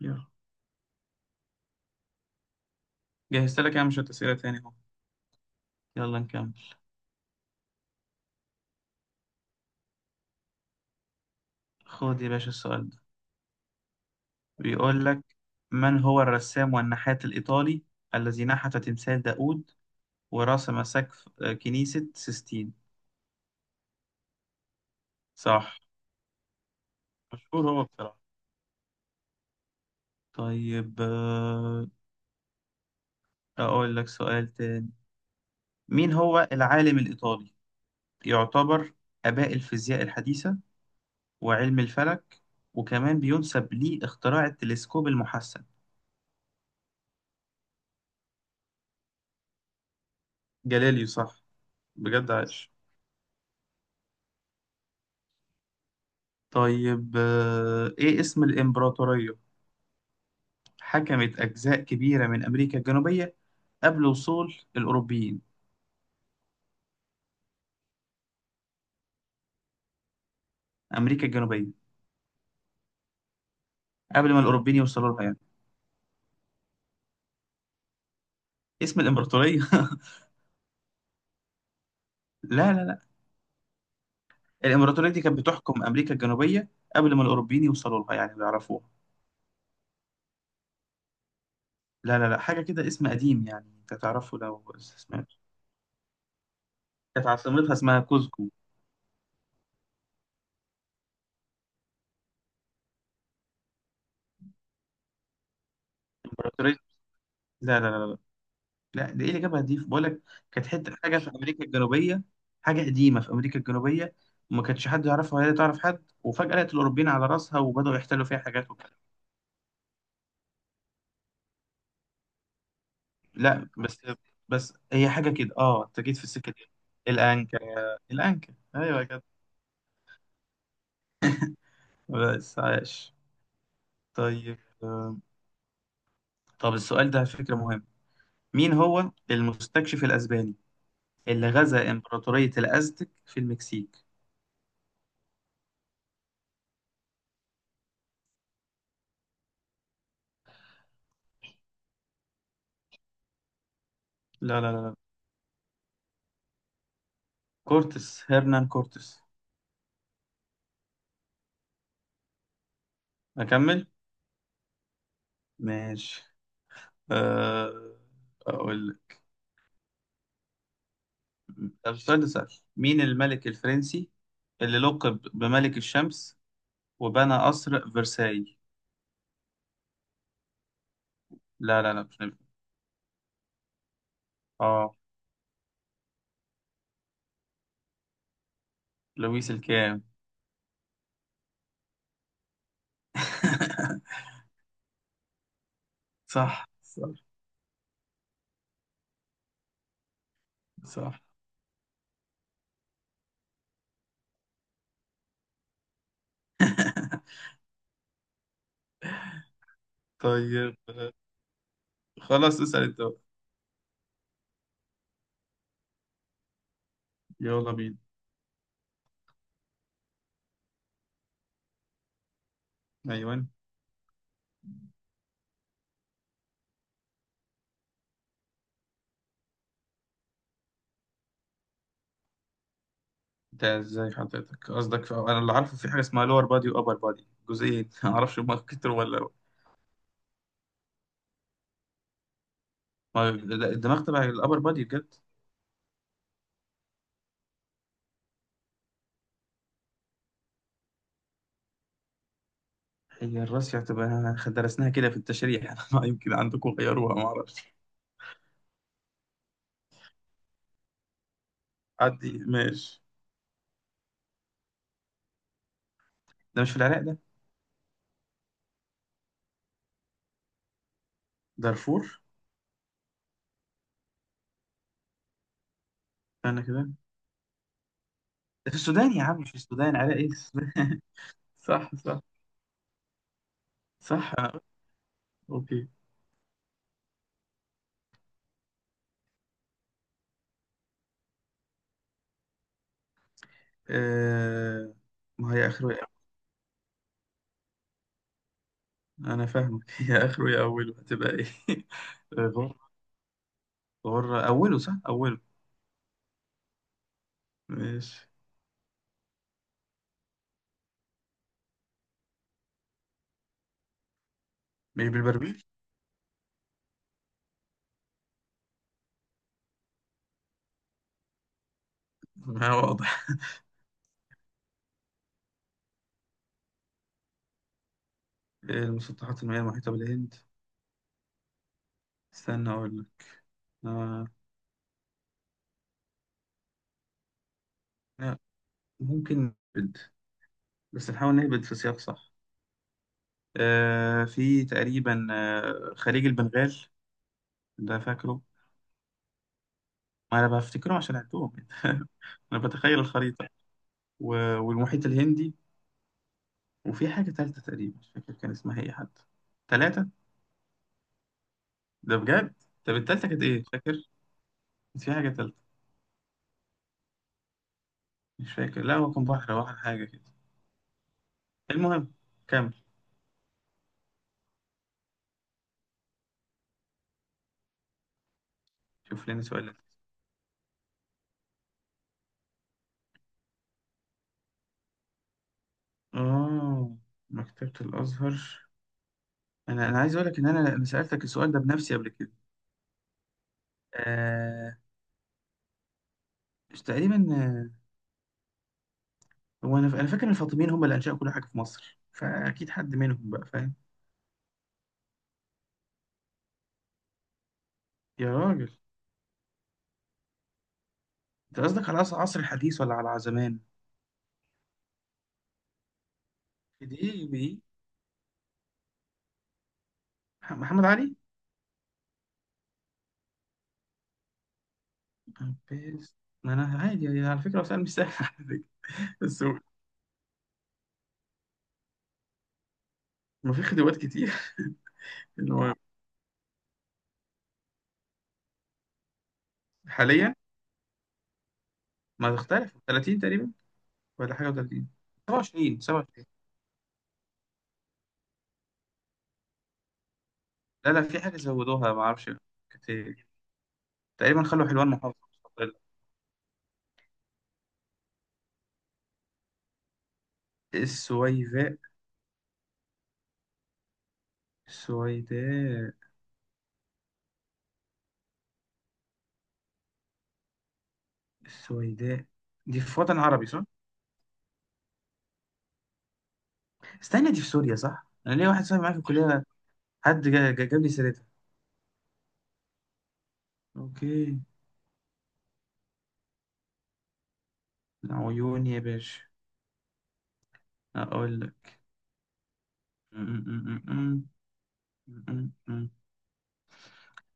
يلا. جهزت لك يا مش أسئلة تاني اهو. يلا نكمل. خد يا باشا السؤال ده. بيقول لك: من هو الرسام والنحات الإيطالي الذي نحت تمثال داوود ورسم سقف كنيسة سيستين؟ صح. مشهور هو بصراحة. طيب. أقول لك سؤال تاني: مين هو العالم الإيطالي يعتبر آباء الفيزياء الحديثة وعلم الفلك، وكمان بينسب ليه اختراع التلسكوب المحسن؟ جاليليو، صح. بجد عاش. طيب إيه اسم الإمبراطورية حكمت أجزاء كبيرة من أمريكا الجنوبية قبل وصول الأوروبيين؟ أمريكا الجنوبية. قبل ما الأوروبيين يوصلوا لها يعني. اسم الإمبراطورية. لا لا لا. الإمبراطورية دي كانت بتحكم أمريكا الجنوبية قبل ما الأوروبيين يوصلوا لها يعني بيعرفوها. لا لا لا، حاجة كده اسم قديم يعني أنت تعرفه لو سمعت. كانت عاصمتها اسمها كوزكو. إمبراطورية. لا لا لا لا. ده ايه اللي جابها دي بقول لك؟ كانت حته حاجه في امريكا الجنوبيه، حاجه قديمه في امريكا الجنوبيه، وما كانش حد يعرفها ولا تعرف حد، وفجاه لقت الاوروبيين على راسها وبداوا يحتلوا فيها حاجات وكده. لا. بس بس هي حاجه كده، اه انت جيت في السكه دي. الانكا. الانكا، ايوه كده. بس عايش. طيب. طب السؤال ده على فكره مهم: مين هو المستكشف الاسباني اللي غزا امبراطوريه الازتك في المكسيك؟ لا لا لا لا. كورتس، هرنان كورتس. اكمل. ماشي. آه، أقول لك. طب السؤال ده سهل: مين الملك الفرنسي اللي لقب بملك الشمس وبنى قصر فرساي؟ لا لا لا، مش نبي. اه، لويس الكام؟ صح صح صح. طيب خلاص اسأل انت بقى. يلا بينا. ايوه. انت ازاي حضرتك قصدك في. انا اللي عارفه في حاجه اسمها لور بادي وابر بادي، جزئين. ما اعرفش هما كتر ولا. ما... لا، الدماغ تبع الابر بادي بجد. هي الراسية هتبقى درسناها كده في التشريح. أنا ما يمكن عندكم غيروها ما اعرفش. عدي ماشي. ده مش في العراق ده؟ دارفور. انا كده. ده في السودان يا عم، مش في السودان، عراق ايه؟ السودان. صح صح صح. اوكي. آه... ما هي اخره يا. انا فاهمك. هي اخره يا اوله هتبقى ايه؟ غر. غر اوله، صح، اوله. ماشي. مش بالبربيل؟ ما هو واضح. المسطحات المائية المحيطة بالهند. استنى اقول لك. آه... لا، ممكن بس نحاول نهبط في سياق صح. في تقريبا خليج البنغال، ده فاكره. ما انا بفتكره عشان عندهم. انا بتخيل الخريطة. والمحيط الهندي. وفي حاجة تالتة تقريبا، مش فاكر كان اسمها ايه حتى. تلاتة. ده بجد. طب التالتة كانت ايه فاكر؟ كانت في حاجة تالتة مش فاكر، لا هو كان بحر او حاجة كده. المهم. كمل. شوف لنا سؤال لذيذ. اه. مكتبة الازهر. انا عايز اقول لك ان انا سألتك السؤال ده بنفسي قبل كده. آه، مش تقريبا. هو انا فاكر ان الفاطميين هم اللي انشأوا كل حاجه في مصر، فاكيد حد منهم بقى فاهم. يا راجل. انت قصدك على عصر، عصر الحديث ولا على زمان؟ دي بي، محمد علي. بس. ما انا عادي يعني على فكره، هو سؤال مش سهل على فكره. بس هو- ما في خدوات كتير. اللي هو حاليا. ما تختلف 30 تقريبا ولا حاجه، و30. 27، 27. لا لا، في حاجه زودوها ما اعرفش كانت إيه. تقريبا خلوا حلوان محافظه. السويداء. السويداء. السويداء. دي في وطن عربي صح؟ استنى دي في سوريا صح؟ انا ليا واحد صاحبي معايا في الكلية. حد جاب لي سيرتها. اوكي. عيوني يا باشا. اقول لك. م- م- م- م- م- م- م.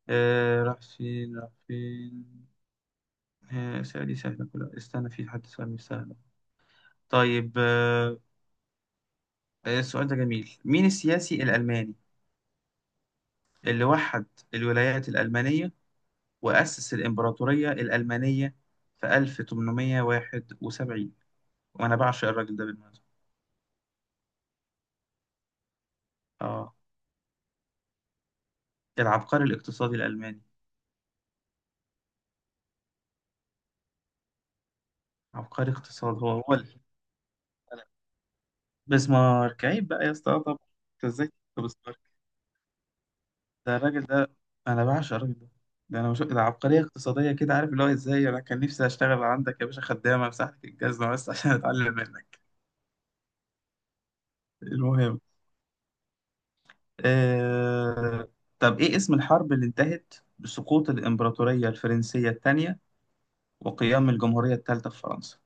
راح فين، راح فين. سهلة دي، سهلة كلها، استنى في حد سؤال مش سهل. طيب. السؤال ده جميل: مين السياسي الألماني اللي وحد الولايات الألمانية وأسس الإمبراطورية الألمانية في 1871، وأنا بعشق الراجل ده بالمناسبة؟ آه. العبقري الاقتصادي الألماني. عبقري اقتصاد. هو بسمارك، عيب بقى يا اسطى، آه، طبعا. انت ازاي تكتب بسمارك؟ ده الراجل ده، انا بعشق الراجل ده. ده انا بشوف ده عبقرية اقتصادية كده، عارف اللي هو ازاي، انا كان نفسي اشتغل عندك يا باشا خدامة مساحتك الجزمة بس عشان اتعلم منك. المهم. آه... طب ايه اسم الحرب اللي انتهت بسقوط الامبراطورية الفرنسية الثانية وقيام الجمهورية الثالثة في فرنسا؟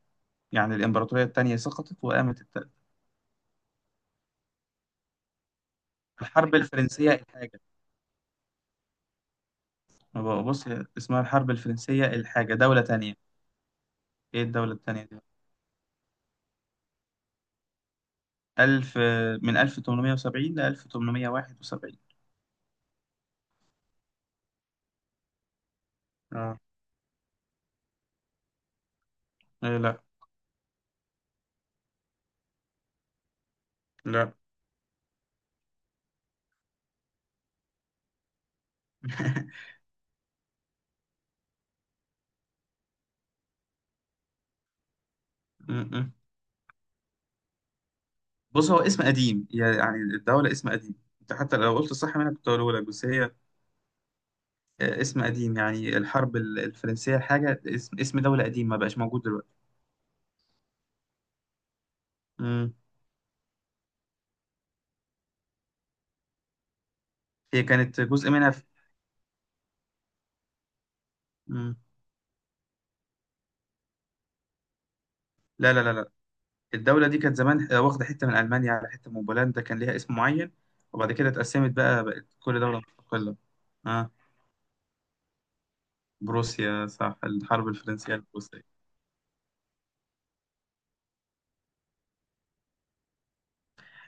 يعني الامبراطورية الثانية سقطت وقامت الثالثة. الحرب الفرنسية. ما بقى- بص هي اسمها الحرب الفرنسية الحاجة، دولة تانية. إيه الدولة التانية دي؟ ألف، من 1870 ل 1871. آه. إيه، لا. لا. م- م. بص هو اسم قديم، يعني الدولة اسم قديم. أنت حتى لو قلت صح منك كنت هقوله لك، بس هي اسم قديم، يعني الحرب الفرنسية الحاجة، اسم، اسم دولة قديم ما بقاش موجود دلوقتي. م. هي كانت جزء منها في. م. لا لا لا. الدولة دي كانت زمان واخدة حتة من ألمانيا على حتة من بولندا، كان ليها اسم معين، وبعد كده اتقسمت بقى، بقت كل دولة مستقلة. اه، بروسيا، صح، الحرب الفرنسية البروسية.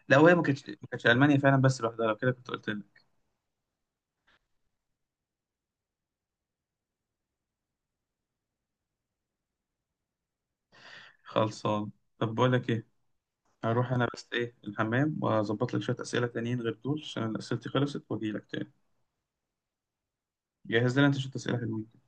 لا، وهي ما كانتش ألمانيا فعلا بس لوحدها، لو كده كنت قلت لك. خلصان. طب بقول لك ايه، هروح انا بس ايه الحمام واظبط لك شوية أسئلة تانيين غير دول عشان أسئلتي خلصت واجي لك تاني. جهز لنا انت شوية أسئلة حلوين.